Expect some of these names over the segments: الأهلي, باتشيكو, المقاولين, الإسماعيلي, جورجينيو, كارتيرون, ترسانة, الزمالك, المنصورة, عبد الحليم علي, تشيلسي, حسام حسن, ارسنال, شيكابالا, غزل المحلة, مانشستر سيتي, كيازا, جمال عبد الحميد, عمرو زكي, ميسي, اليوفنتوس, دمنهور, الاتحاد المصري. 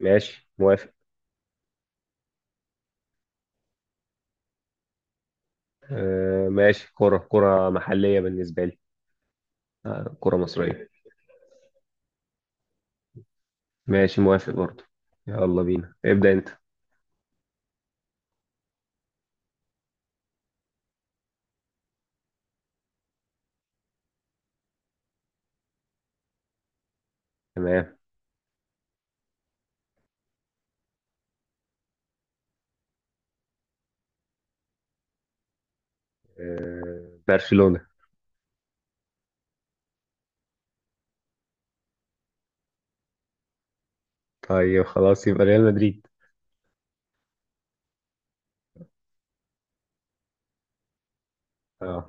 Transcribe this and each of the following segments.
ماشي موافق. آه، ماشي. كرة محلية بالنسبة لي. آه، كرة مصرية. ماشي موافق برضو. يلا بينا، ابدأ انت. تمام. آه، برشلونة. طيب خلاص، يبقى ريال مدريد. اه.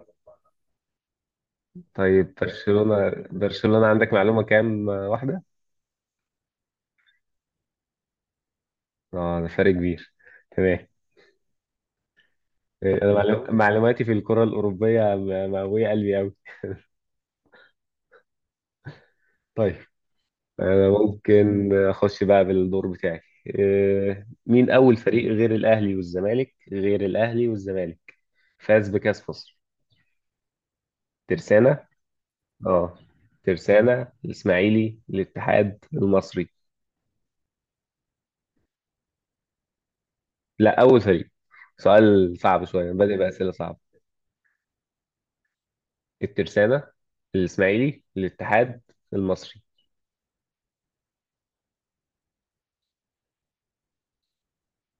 طيب برشلونة، برشلونة عندك معلومة كام واحدة؟ اه، ده فرق كبير. تمام. انا معلوماتي في الكرة الأوروبية مقوية قلبي أوي. طيب، أنا ممكن أخش بقى بالدور بتاعي. مين أول فريق غير الأهلي والزمالك فاز بكأس مصر؟ ترسانة. اه. ترسانة، الإسماعيلي، الاتحاد، المصري. لا، أول فريق. سؤال صعب شوية، بدأ بأسئلة صعبة. الترسانة، الإسماعيلي، الاتحاد، المصري.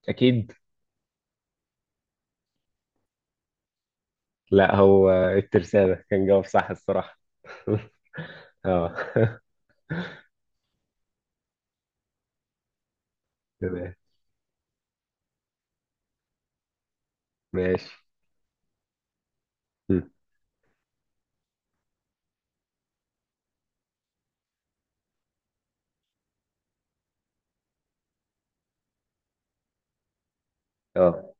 أكيد. لا، هو الترسانة كان جواب صح الصراحة. اه. تمام ماشي. مم. اه.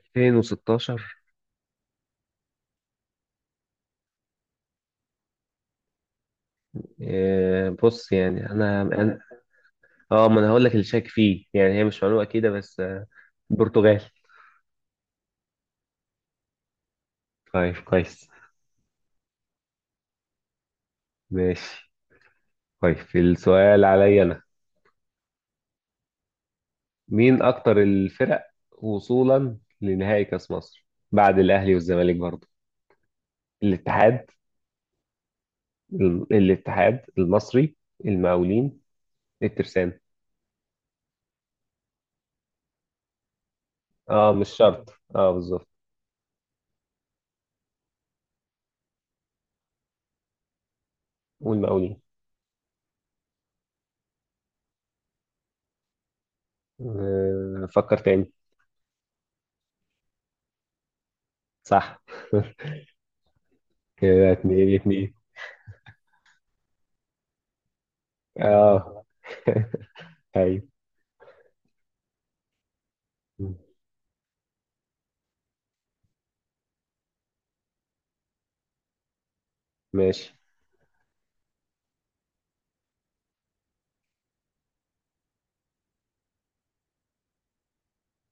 2016. بص، يعني انا. اه، ما انا هقول لك اللي شاك فيه، يعني هي مش معلومه اكيده، بس. البرتغال. طيب كويس. ماشي. طيب، السؤال عليا انا. مين اكتر الفرق وصولا لنهائي كاس مصر بعد الاهلي والزمالك برضه. الاتحاد، الاتحاد المصري، المقاولين، الترسانة. اه، مش شرط. اه، بالظبط. والمقاولين. فكر تاني. صح. كده اتنين اتنين. اه. ايوه. ماشي.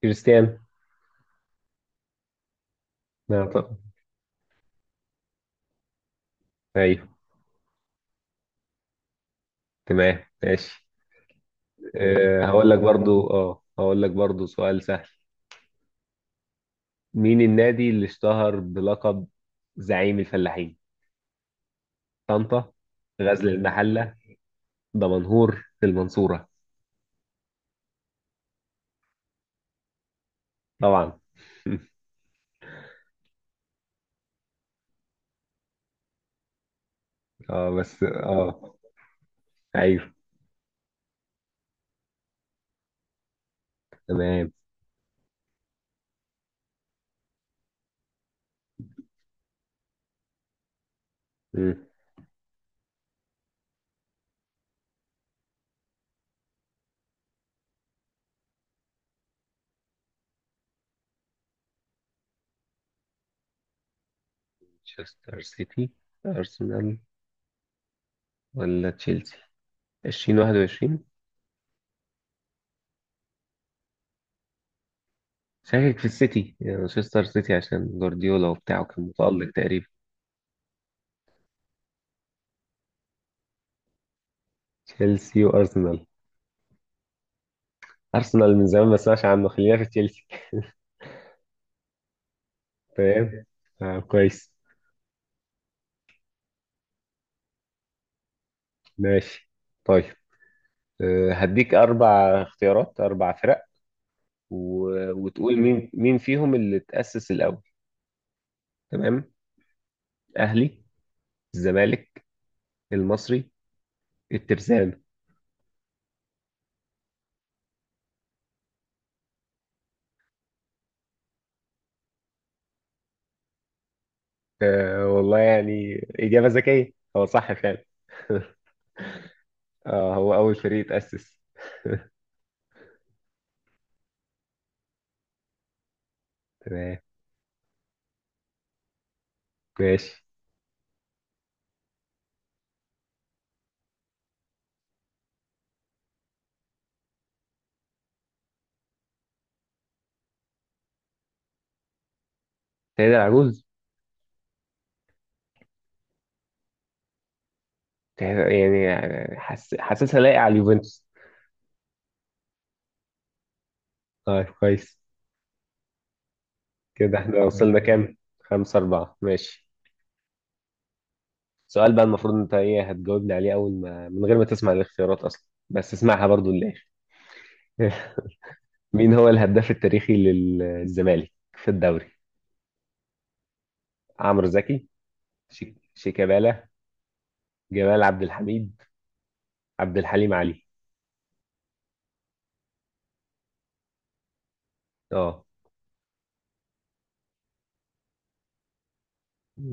كريستيانو. لا طبعا. ايوه. تمام ماشي. أه هقول لك برضو اه هقول لك برضو سؤال سهل. مين النادي اللي اشتهر بلقب زعيم الفلاحين؟ طنطا، غزل المحلة، دمنهور، المنصورة. طبعا. اه، بس اه. ايوه. تمام. مم. مانشستر سيتي، ارسنال، ولا تشيلسي؟ 2021. شاكك في السيتي، يعني مانشستر سيتي عشان جوارديولا وبتاعه كان متألق تقريبا. تشيلسي وارسنال. ارسنال من زمان ما اسمعش عنه، خلينا في تشيلسي. تمام. آه كويس. ماشي. طيب. آه، هديك اربع اختيارات، اربع فرق. وتقول مين فيهم اللي تأسس الاول. تمام. اهلي، الزمالك، المصري، الترسانة. آه والله يعني. اجابة ذكية، هو صح فعلا. اه، هو اول فريق اتأسس. تمام ماشي. سيد العجوز. يعني حاسسها لايقة على اليوفنتوس. طيب كويس. كده احنا وصلنا كام؟ خمسة أربعة، ماشي. سؤال بقى، المفروض أنت إيه هتجاوبني عليه أول ما من غير ما تسمع الاختيارات أصلا، بس اسمعها برضو للآخر. مين هو الهداف التاريخي للزمالك في الدوري؟ عمرو زكي، شيكابالا، جمال عبد الحميد، عبد الحليم علي. اه.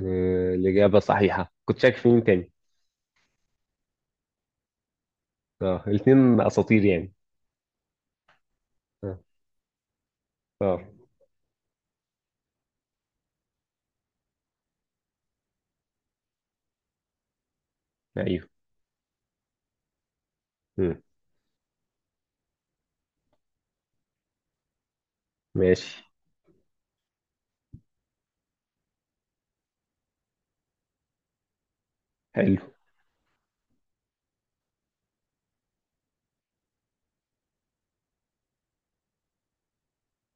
آه، الإجابة صحيحة. كنت شاك في مين تاني؟ اه، الاتنين أساطير يعني. اه. اه. أيوه. مم. ماشي. حلو.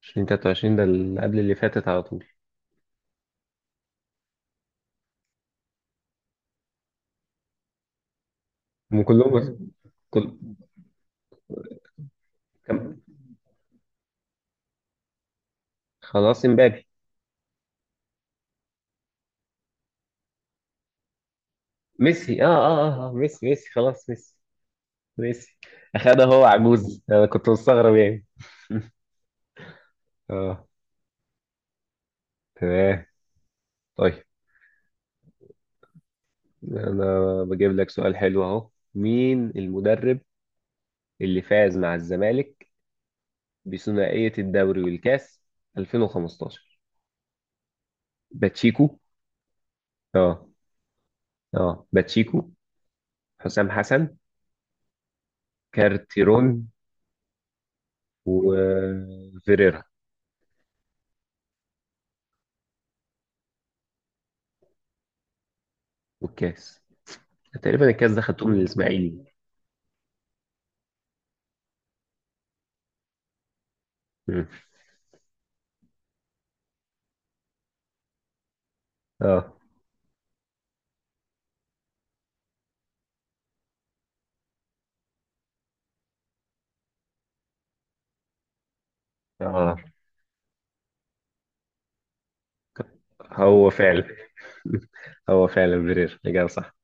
2023، ده اللي قبل اللي فاتت على طول. هم كلهم. كل. كم. خلاص، امبابي. ميسي، ميسي خلاص ميسي. ميسي اخدها، هو عجوز، انا كنت مستغرب يعني. اه. تمام. طيب. انا بجيب لك سؤال حلو اهو. مين المدرب اللي فاز مع الزمالك بثنائية الدوري والكاس 2015؟ باتشيكو. اه. اه، باتشيكو، حسام حسن، كارتيرون، وفيريرا. والكاس. تقريبا الكاس ده خدته من الاسماعيلي. مم. اه. اه، هو فعلا. هو فعلا برير، إجابة صح.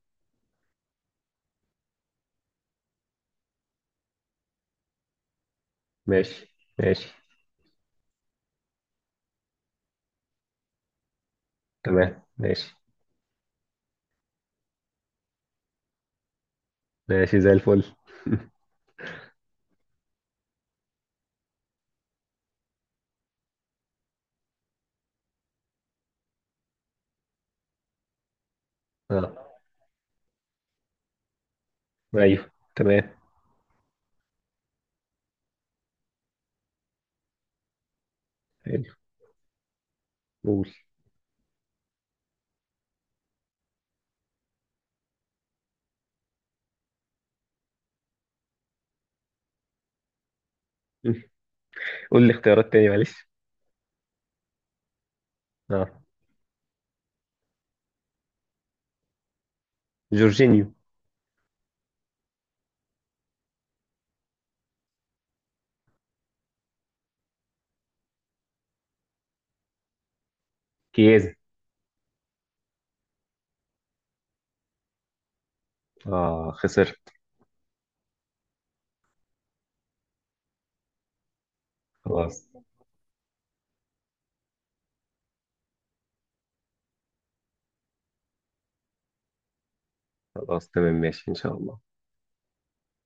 ماشي ماشي. تمام ماشي. ماشي زي الفل. اه. أيوه تمام. حلو. قول. قول لي اختيارات تاني، معلش. اه. جورجينيو. كيازا. اه، خسرت. خلاص. خلاص تمام ماشي، إن شاء الله.